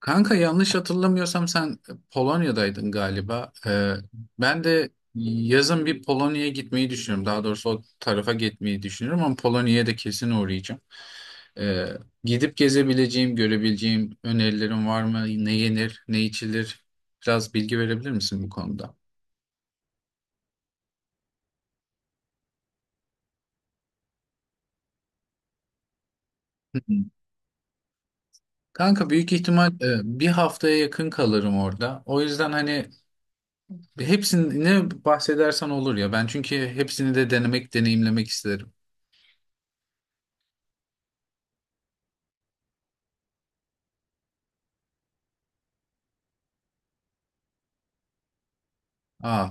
Kanka yanlış hatırlamıyorsam sen Polonya'daydın galiba. Ben de yazın bir Polonya'ya gitmeyi düşünüyorum. Daha doğrusu o tarafa gitmeyi düşünüyorum ama Polonya'ya da kesin uğrayacağım. Ee, gidip gezebileceğim, görebileceğim önerilerin var mı? Ne yenir, ne içilir? Biraz bilgi verebilir misin bu konuda? Hı hı. Kanka büyük ihtimal bir haftaya yakın kalırım orada. O yüzden hani hepsini bahsedersen olur ya. Ben çünkü hepsini de denemek, deneyimlemek isterim. Aa,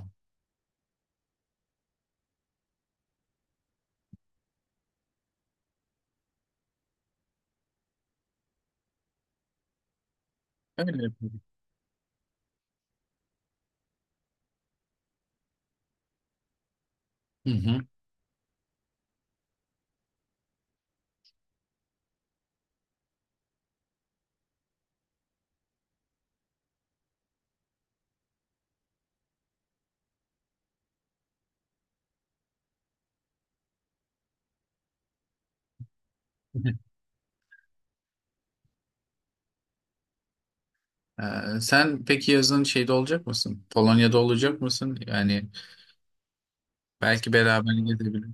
öyle yapalım. Hı hı. Sen peki yazın şeyde olacak mısın? Polonya'da olacak mısın? Yani belki beraber gidebiliriz.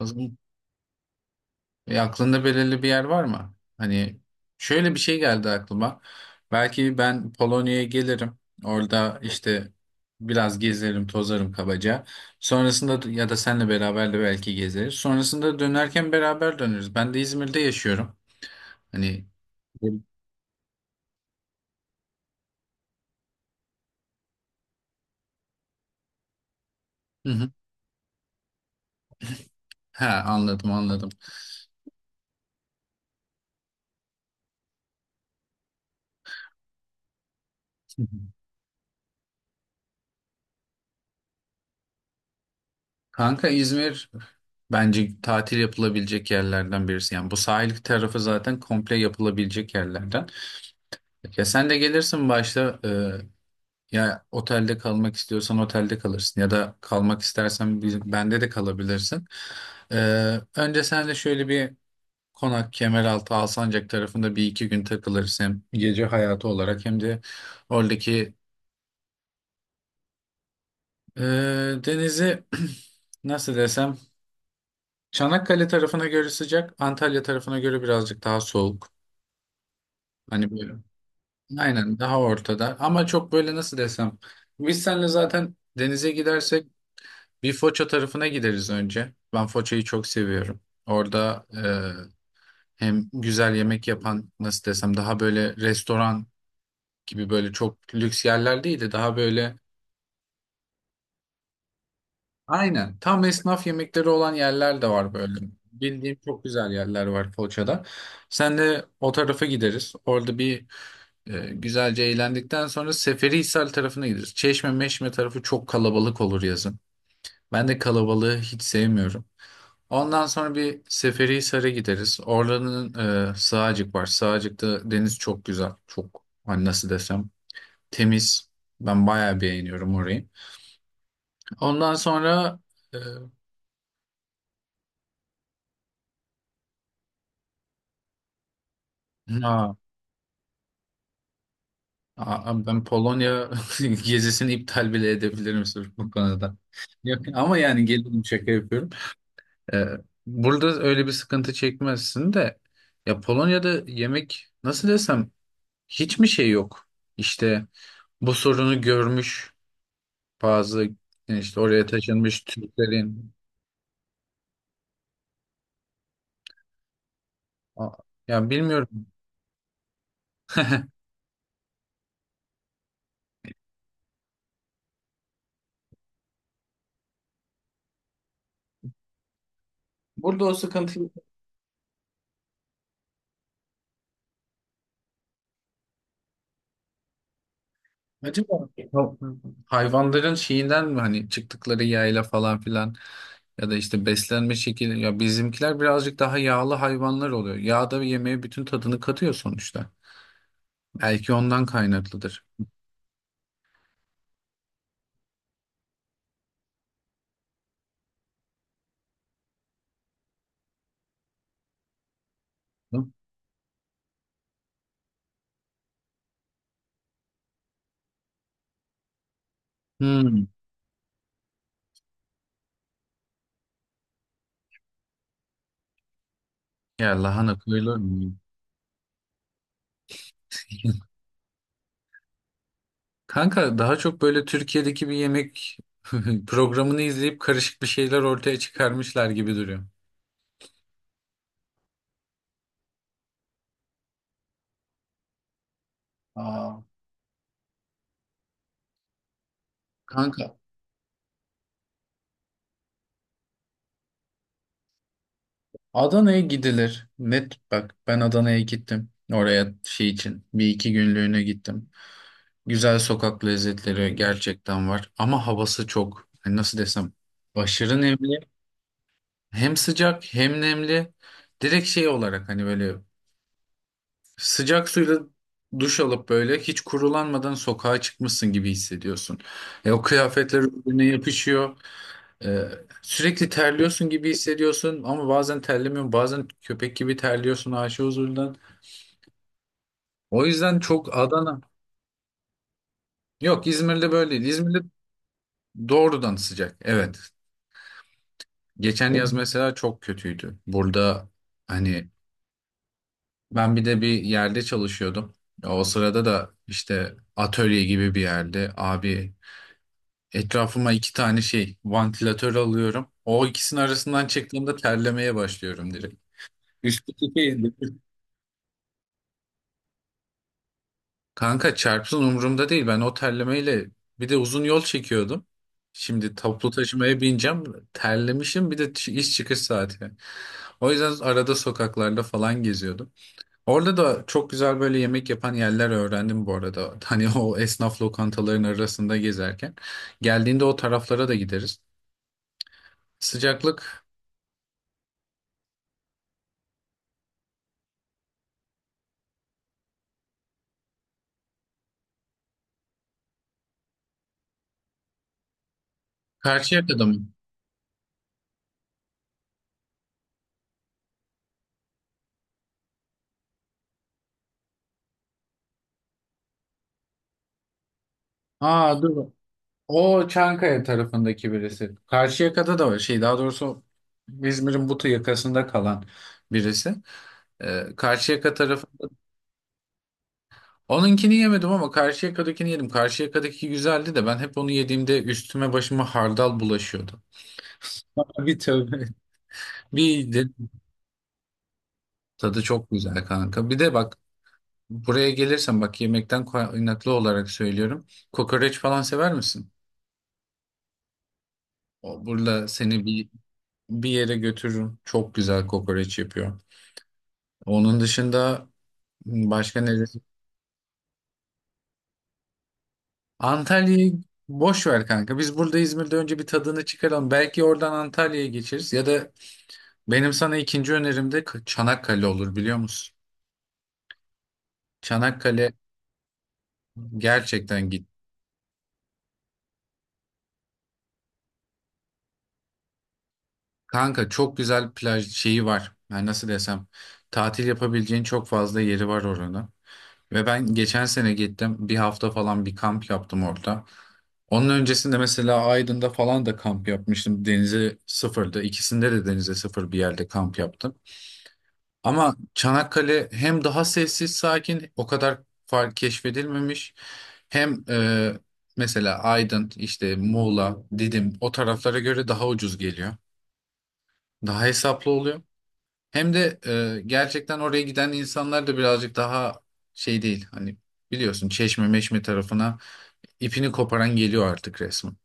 O zaman- aklında belirli bir yer var mı? Hani şöyle bir şey geldi aklıma. Belki ben Polonya'ya gelirim. Orada işte biraz gezerim, tozarım kabaca. Sonrasında ya da senle beraber de belki gezeriz. Sonrasında dönerken beraber döneriz. Ben de İzmir'de yaşıyorum. Hani. Hı hı. Ha, anladım anladım. Kanka İzmir bence tatil yapılabilecek yerlerden birisi. Yani bu sahil tarafı zaten komple yapılabilecek yerlerden. Ya sen de gelirsin başta, ya otelde kalmak istiyorsan otelde kalırsın ya da kalmak istersen bizim, bende de kalabilirsin. E, önce sen de şöyle bir Konak, Kemeraltı, Alsancak tarafında bir iki gün takılırsın. Hem gece hayatı olarak hem de oradaki e, denizi nasıl desem, Çanakkale tarafına göre sıcak, Antalya tarafına göre birazcık daha soğuk. Hani böyle. Aynen, daha ortada. Ama çok böyle nasıl desem. Biz seninle zaten denize gidersek bir Foça tarafına gideriz önce. Ben Foça'yı çok seviyorum. Orada hem güzel yemek yapan, nasıl desem, daha böyle restoran gibi böyle çok lüks yerler değil de daha böyle aynen tam esnaf yemekleri olan yerler de var böyle. Bildiğim çok güzel yerler var Foça'da. Sen de o tarafa gideriz. Orada bir güzelce eğlendikten sonra Seferihisar tarafına gideriz. Çeşme Meşme tarafı çok kalabalık olur yazın. Ben de kalabalığı hiç sevmiyorum. Ondan sonra bir Seferihisar'a gideriz. Oranın Sığacık var. Sığacık'ta deniz çok güzel. Çok hani nasıl desem temiz. Ben bayağı beğeniyorum orayı. Ondan sonra e, ha, ben Polonya gezisini iptal bile edebilirim sırf bu konuda. Yok, ama yani gelin şaka yapıyorum. Ee, burada öyle bir sıkıntı çekmezsin de ya Polonya'da yemek nasıl desem hiç mi şey yok? İşte bu sorunu görmüş bazı yani işte oraya taşınmış Türklerin. A- ya bilmiyorum. Burada o sıkıntı acaba hayvanların şeyinden mi, hani çıktıkları yayla falan filan, ya da işte beslenme şekli, ya bizimkiler birazcık daha yağlı hayvanlar oluyor. Yağ da yemeğe bütün tadını katıyor sonuçta. Belki ondan kaynaklıdır. Hı? Hmm. Ya lahana koyulur mu? Kanka daha çok böyle Türkiye'deki bir yemek programını izleyip karışık bir şeyler ortaya çıkarmışlar gibi duruyor. Aa, kanka Adana'ya gidilir. Net, bak ben Adana'ya gittim. Oraya şey için bir iki günlüğüne gittim. Güzel sokak lezzetleri gerçekten var ama havası çok. Hani nasıl desem aşırı nemli. Hem sıcak hem nemli. Direkt şey olarak hani böyle sıcak suyla duş alıp böyle hiç kurulanmadan sokağa çıkmışsın gibi hissediyorsun. O kıyafetler birbirine yapışıyor. E, sürekli terliyorsun gibi hissediyorsun ama bazen terlemiyorsun. Bazen köpek gibi terliyorsun aşı huzurundan. O yüzden çok Adana. Yok, İzmir'de böyle değil. İzmir'de doğrudan sıcak. Evet. Geçen yaz mesela çok kötüydü. Burada hani ben bir de bir yerde çalışıyordum. O sırada da işte atölye gibi bir yerde, abi, etrafıma iki tane şey, vantilatör alıyorum. O ikisinin arasından çıktığımda terlemeye başlıyorum direkt. Üstteki şey. Kanka çarpsın, umurumda değil. Ben o terlemeyle bir de uzun yol çekiyordum. Şimdi toplu taşımaya bineceğim. Terlemişim, bir de iş çıkış saati. O yüzden arada sokaklarda falan geziyordum. Orada da çok güzel böyle yemek yapan yerler öğrendim bu arada. Hani o esnaf lokantaların arasında gezerken. Geldiğinde o taraflara da gideriz. Sıcaklık. Karşıyaka'da mı? Aa, dur. O Çankaya tarafındaki birisi. Karşıyaka'da da var. Şey, daha doğrusu İzmir'in Butu yakasında kalan birisi. Karşıyaka tarafı. Onunkini yemedim ama Karşıyaka'dakini yedim. Karşıyaka'daki güzeldi de ben hep onu yediğimde üstüme başıma hardal bulaşıyordu. Bir tövbe. Bir de tadı çok güzel, kanka. Bir de bak, buraya gelirsen bak, yemekten kaynaklı olarak söylüyorum. Kokoreç falan sever misin? O, burada seni bir yere götürürüm. Çok güzel kokoreç yapıyor. Onun dışında başka neresi? Antalya'yı boş ver kanka. Biz burada İzmir'de önce bir tadını çıkaralım. Belki oradan Antalya'ya geçeriz. Ya da benim sana ikinci önerim de Çanakkale olur, biliyor musun? Çanakkale, gerçekten git. Kanka çok güzel plaj şeyi var. Yani nasıl desem, tatil yapabileceğin çok fazla yeri var orada. Ve ben geçen sene gittim. Bir hafta falan bir kamp yaptım orada. Onun öncesinde mesela Aydın'da falan da kamp yapmıştım. Denize sıfırdı. İkisinde de denize sıfır bir yerde kamp yaptım. Ama Çanakkale hem daha sessiz sakin, o kadar fark keşfedilmemiş. Hem mesela Aydın işte, Muğla, Didim o taraflara göre daha ucuz geliyor. Daha hesaplı oluyor. Hem de gerçekten oraya giden insanlar da birazcık daha şey değil. Hani biliyorsun Çeşme Meşme tarafına ipini koparan geliyor artık resmen.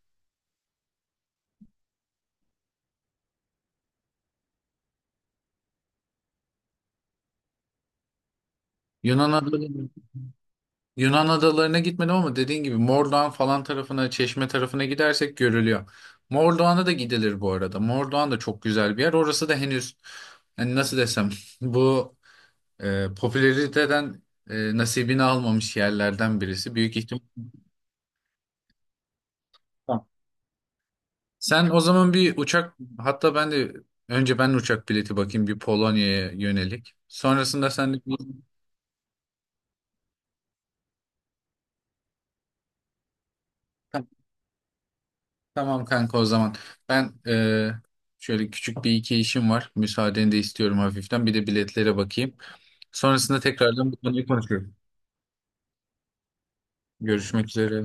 Yunan adalarına, Yunan adalarına gitmedim ama dediğin gibi Mordoğan falan tarafına, Çeşme tarafına gidersek görülüyor. Mordoğan'a da gidilir bu arada. Mordoğan da çok güzel bir yer. Orası da henüz hani nasıl desem bu popülariteden nasibini almamış yerlerden birisi. Büyük ihtimal. Sen o zaman bir uçak, hatta ben de önce ben uçak bileti bakayım bir Polonya'ya yönelik. Sonrasında sen de. Tamam kanka, o zaman. Ben şöyle küçük bir iki işim var. Müsaadeni de istiyorum hafiften. Bir de biletlere bakayım. Sonrasında tekrardan bu konuyu konuşuyorum. Görüşmek üzere.